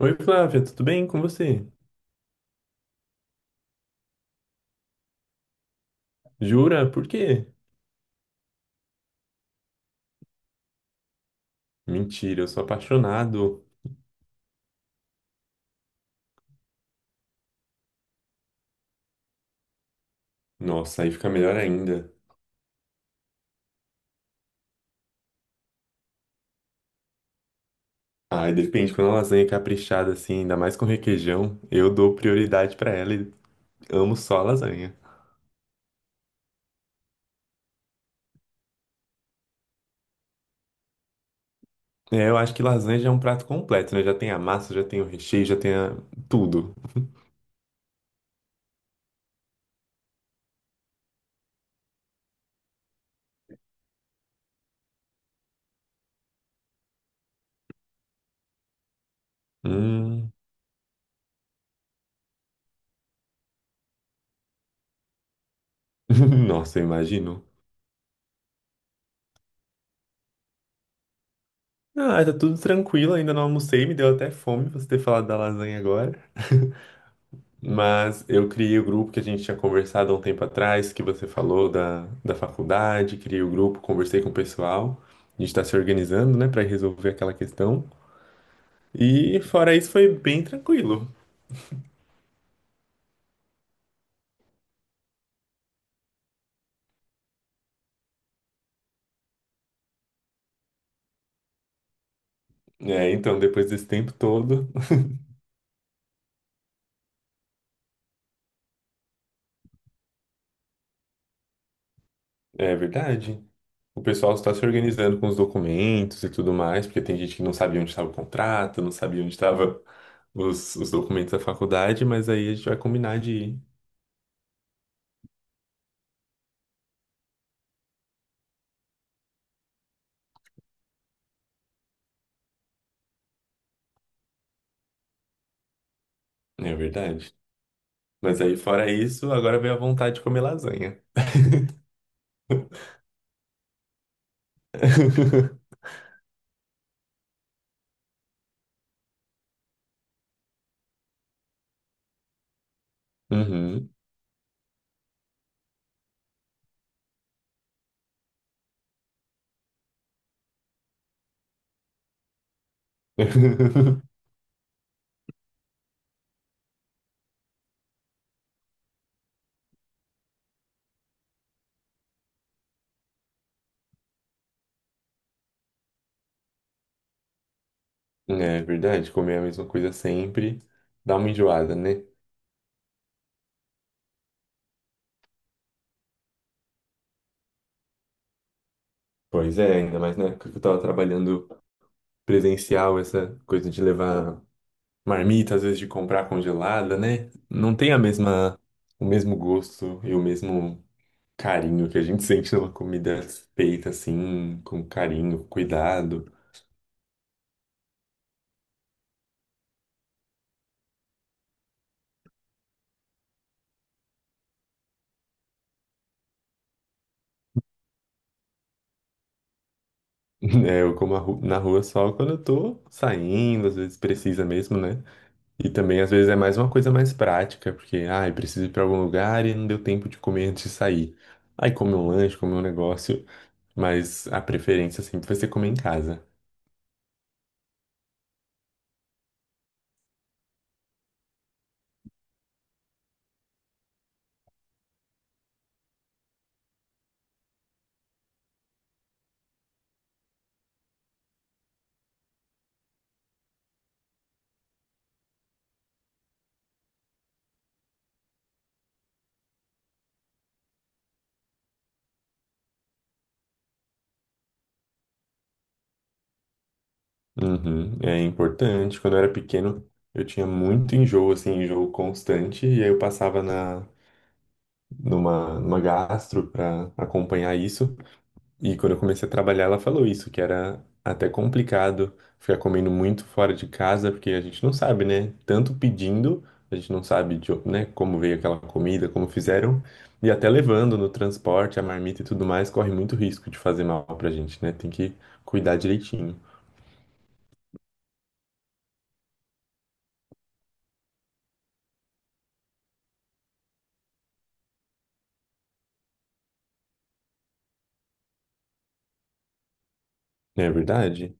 Oi, Flávia, tudo bem com você? Jura? Por quê? Mentira, eu sou apaixonado. Nossa, aí fica melhor ainda. Ai, depende, quando a lasanha é caprichada assim, ainda mais com requeijão, eu dou prioridade pra ela e amo só a lasanha. É, eu acho que lasanha já é um prato completo, né? Já tem a massa, já tem o recheio, já tem a tudo. Hum, nossa, eu imagino. Ah, tá tudo tranquilo, ainda não almocei, me deu até fome você ter falado da lasanha agora. Mas eu criei o grupo que a gente tinha conversado há um tempo atrás, que você falou da faculdade, criei o grupo, conversei com o pessoal. A gente está se organizando, né, para resolver aquela questão. E fora isso, foi bem tranquilo. É, então, depois desse tempo todo, é verdade. O pessoal está se organizando com os documentos e tudo mais, porque tem gente que não sabia onde estava o contrato, não sabia onde estava os documentos da faculdade, mas aí a gente vai combinar de ir. É verdade. Mas aí, fora isso, agora veio a vontade de comer lasanha. Uhum. É verdade, comer a mesma coisa sempre dá uma enjoada, né? Pois é, ainda mais na época que eu tava trabalhando presencial, essa coisa de levar marmita, às vezes de comprar congelada, né? Não tem a mesma, o mesmo gosto e o mesmo carinho que a gente sente numa comida feita assim, com carinho, com cuidado. É, eu como a na rua só quando eu tô saindo, às vezes precisa mesmo, né? E também, às vezes, é mais uma coisa mais prática, porque, ai, preciso ir pra algum lugar e não deu tempo de comer antes de sair. Aí come um lanche, come um negócio, mas a preferência sempre vai ser comer em casa. Uhum, é importante. Quando eu era pequeno, eu tinha muito enjoo, assim, enjoo constante, e aí eu passava na, numa gastro pra acompanhar isso. E quando eu comecei a trabalhar, ela falou isso, que era até complicado ficar comendo muito fora de casa, porque a gente não sabe, né? Tanto pedindo, a gente não sabe de, né, como veio aquela comida, como fizeram, e até levando no transporte, a marmita e tudo mais, corre muito risco de fazer mal pra gente, né? Tem que cuidar direitinho. Não é verdade?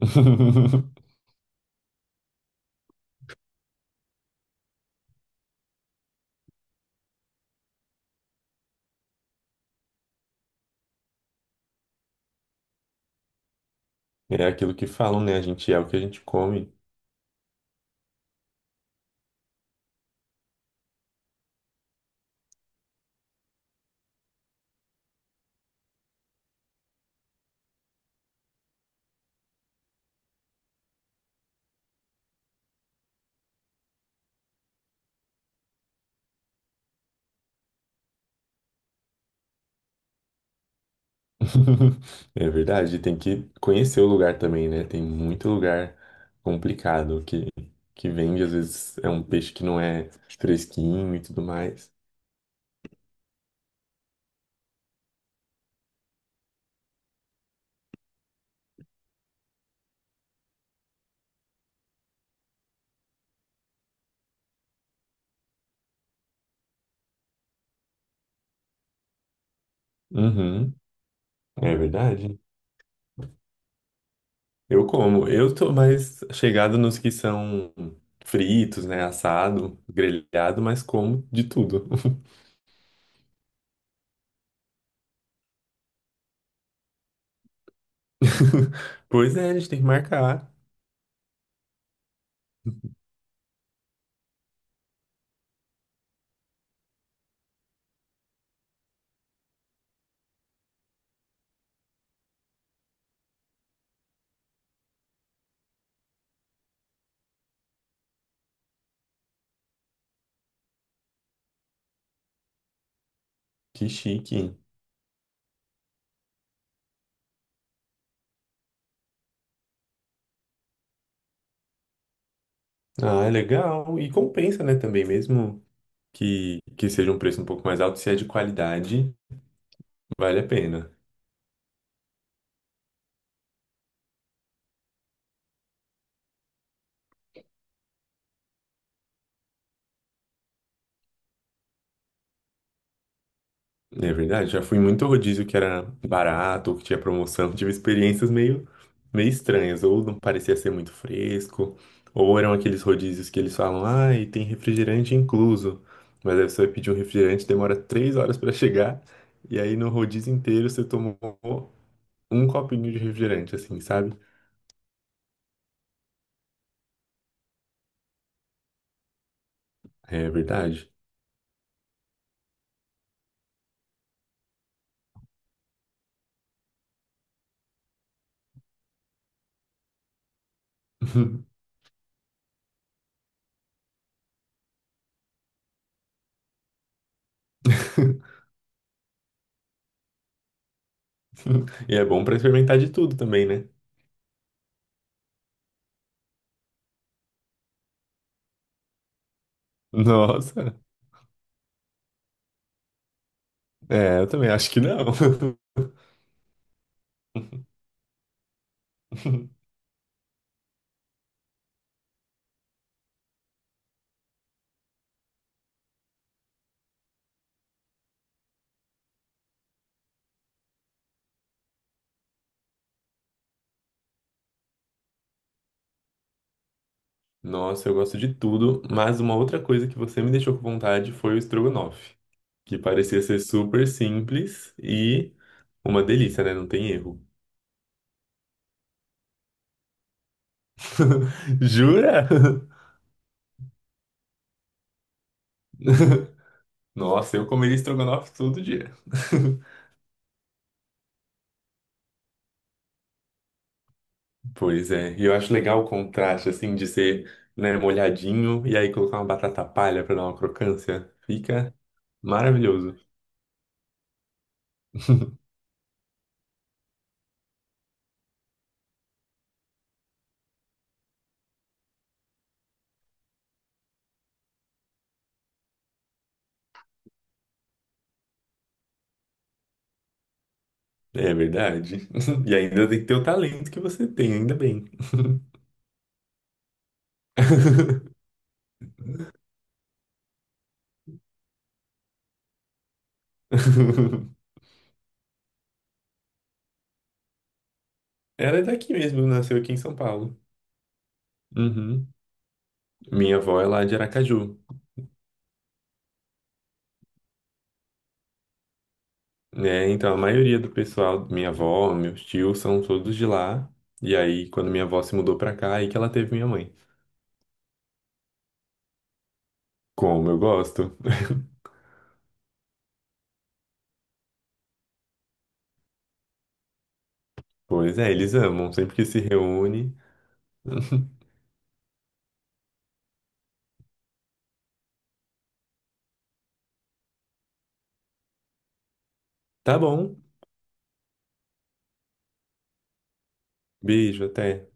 É aquilo que falam, né? A gente é o que a gente come. É verdade, tem que conhecer o lugar também, né? Tem muito lugar complicado que vende, às vezes é um peixe que não é fresquinho e tudo mais. Uhum, é verdade. Eu como, eu tô mais chegado nos que são fritos, né? Assado, grelhado, mas como de tudo. Pois é, a gente tem que marcar. Que chique. Ah, é legal. E compensa, né? Também, mesmo que seja um preço um pouco mais alto, se é de qualidade. Vale a pena. É verdade, já fui em muito rodízio que era barato, ou que tinha promoção. Tive experiências meio, meio estranhas, ou não parecia ser muito fresco, ou eram aqueles rodízios que eles falam, ah, e tem refrigerante incluso. Mas aí você vai pedir um refrigerante, demora 3 horas para chegar, e aí no rodízio inteiro você tomou um copinho de refrigerante, assim, sabe? É verdade. E é bom para experimentar de tudo também, né? Nossa, é, eu também acho que não. Nossa, eu gosto de tudo, mas uma outra coisa que você me deixou com vontade foi o estrogonofe, que parecia ser super simples e uma delícia, né? Não tem erro. Jura? Nossa, eu comeria estrogonofe todo dia. Pois é, e eu acho legal o contraste, assim, de ser, né, molhadinho e aí colocar uma batata palha pra dar uma crocância. Fica maravilhoso. É verdade. E ainda tem que ter o talento que você tem, ainda bem. Ela é daqui mesmo, nasceu aqui em São Paulo. Uhum. Minha avó é lá de Aracaju, né? Então a maioria do pessoal, minha avó, meus tios, são todos de lá. E aí, quando minha avó se mudou pra cá, aí que ela teve minha mãe. Como eu gosto. Pois é, eles amam, sempre que se reúne. Tá bom, beijo, até.